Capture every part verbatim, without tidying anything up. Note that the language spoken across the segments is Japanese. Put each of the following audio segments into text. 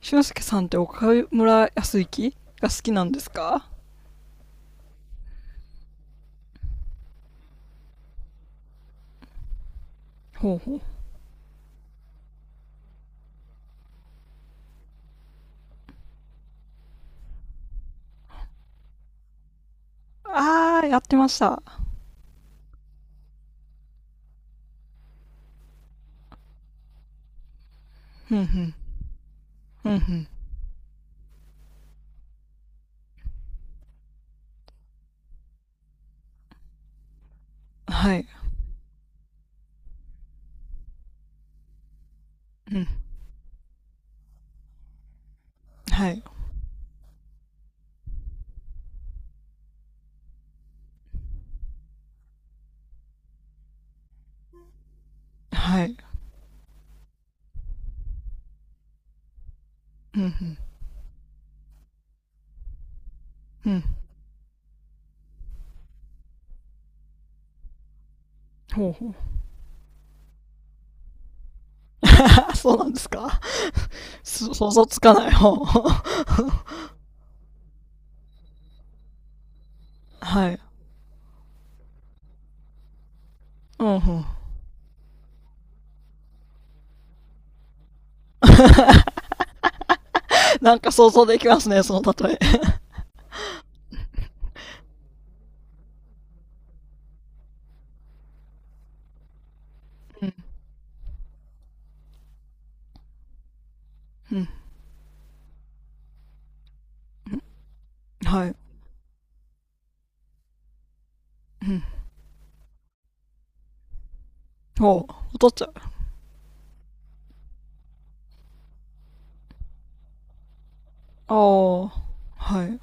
俊介さんって岡村康之が好きなんですか？ほうほう。あー、やってました。うんうん。うんうん。はい。うん。はい。はい。うんうん。うん。ほうほう。そうなんですか？そ、想像つかない。ほう。はい。うんうん。なんか想像できますね、その例え。うん。うん。うん。はい。うん。ほう。お父ちゃん。ああ。はい。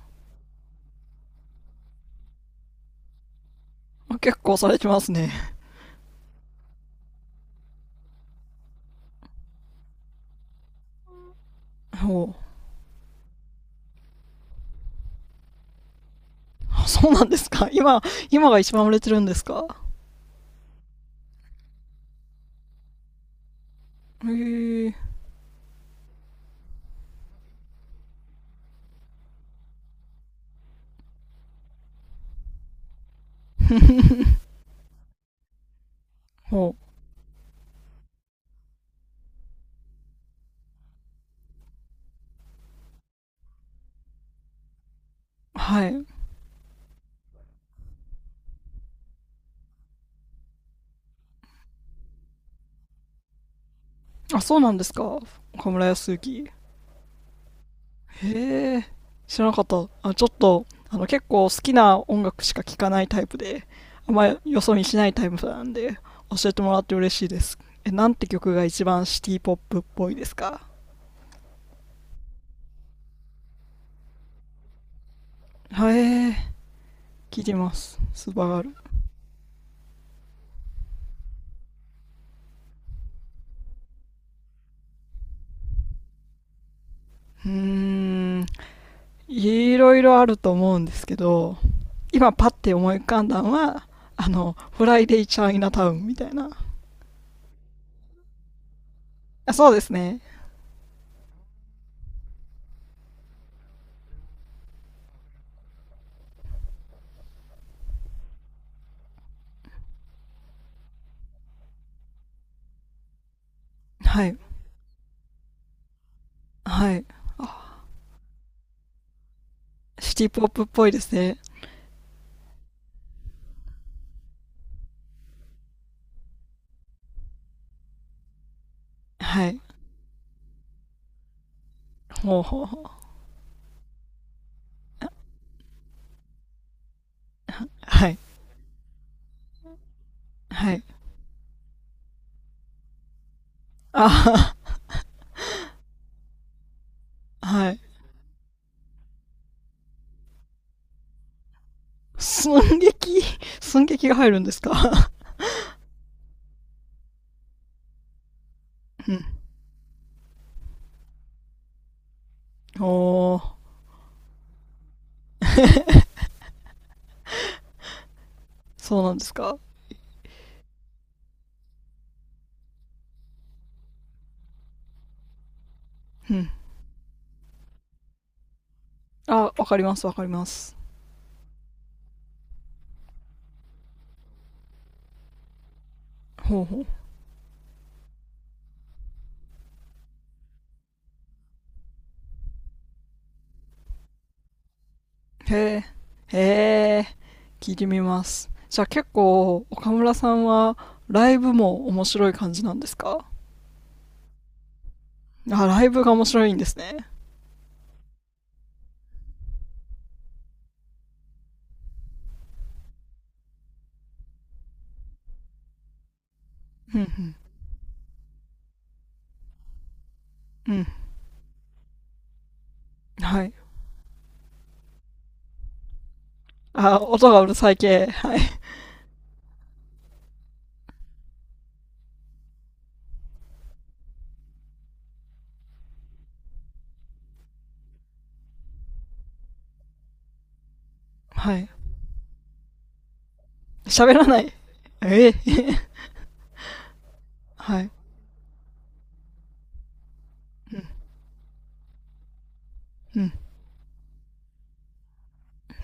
結構されてますね。ほう。そうなんですか今？今が一番売れてるんですか？へえ。 お、はい。あ、そうなんですか？岡村康之。へえ、知らなかった。あ、ちょっと、あの、結構好きな音楽しか聴かないタイプで、あんまりよそ見しないタイプなんで、教えてもらって嬉しいです。え、なんて曲が一番シティポップっぽいですか？はい、聞いてます。スーパーガール。うーん、いろいろあると思うんですけど、今パッて思い浮かんだのは、あの、フライデーチャイナタウンみたいな。あ、そうですね。はい。はい。シティポップっぽいですね。はい。ほうほうほう。あ、はい。はい。ああ、はい。寸劇、寸劇が入るんですか？ うん。おー、そうなんですか。うん。あ、わかりますわかります。ほうほう。へえ。へえ。聞いてみます。じゃあ結構、岡村さんはライブも面白い感じなんですか？あ、ライブが面白いんですね。うん、うん。うん。はい。あ、音がうるさい系。はい。はい。喋らない。ええ。 はい。うん。うん。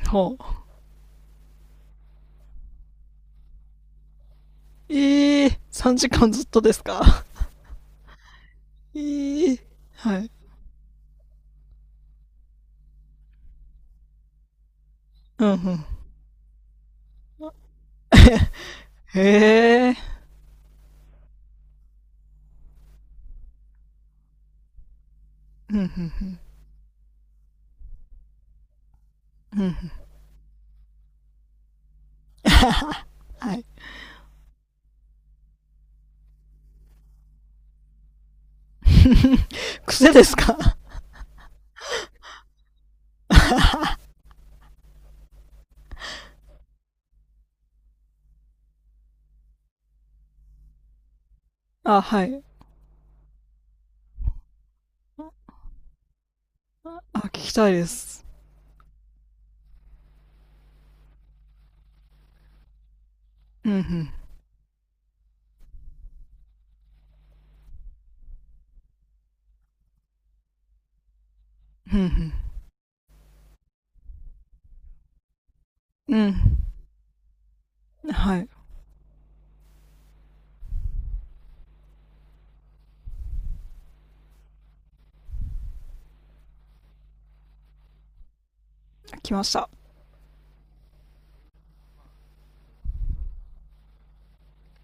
ほう。ええ、さんじかんずっとですか。ええー。はい。うんうん。へえ。うんうんうん。うんうん。はい。癖ですか？あ、はい。あ、聞きたいです。うんうん。うんうん。うん。はい。来ました。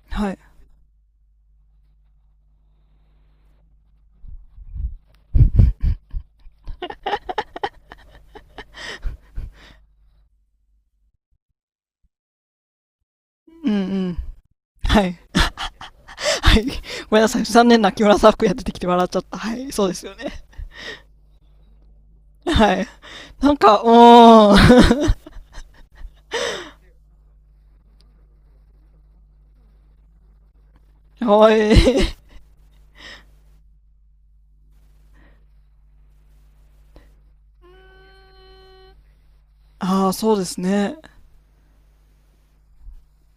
はい。うんうん。はい。はい。ごめんなさい。残念な木村ん服や出てきて笑っちゃった。はい。そうですよね。はい。なんか、うーん。かわいい。ああ、そうですね。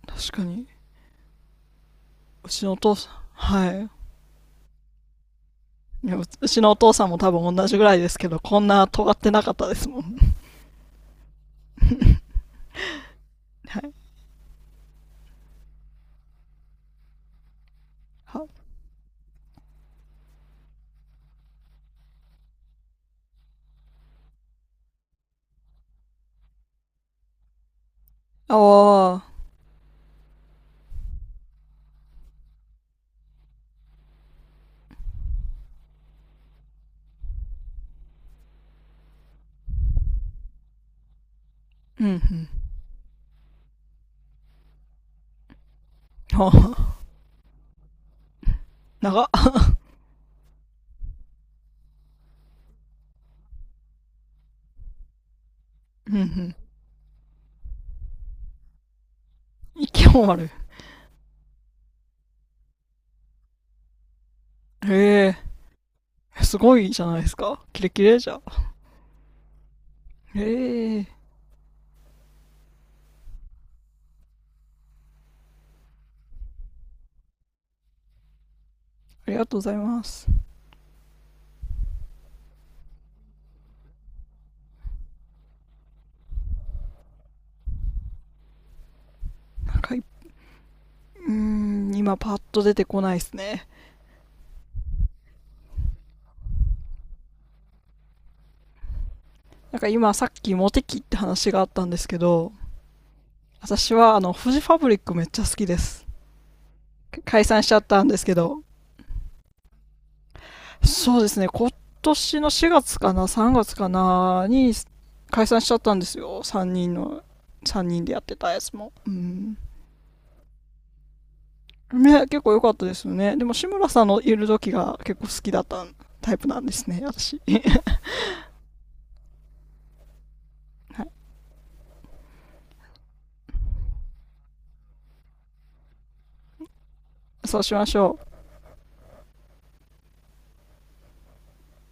確かに。うちのお父さん。はい。いや、ううちのお父さんも多分同じぐらいですけど、こんな尖ってなかったですもん。はい。は、ああ、うんうん。ああ、長っ。うんうん。息も悪い。へえ、すごいじゃないですか。キレキレじゃん。ええ。ありがとうございます。なんかうーん、今パッと出てこないですね。なんか今さっきモテ期って話があったんですけど、私はあの、フジファブリックめっちゃ好きです。解散しちゃったんですけど、そうですね、今年のしがつかな、さんがつかなに解散しちゃったんですよ。さんにんの、さんにんでやってたやつも。うん。ね、結構良かったですよね。でも志村さんのいる時が結構好きだったタイプなんですね、私。はい。そうしましょう。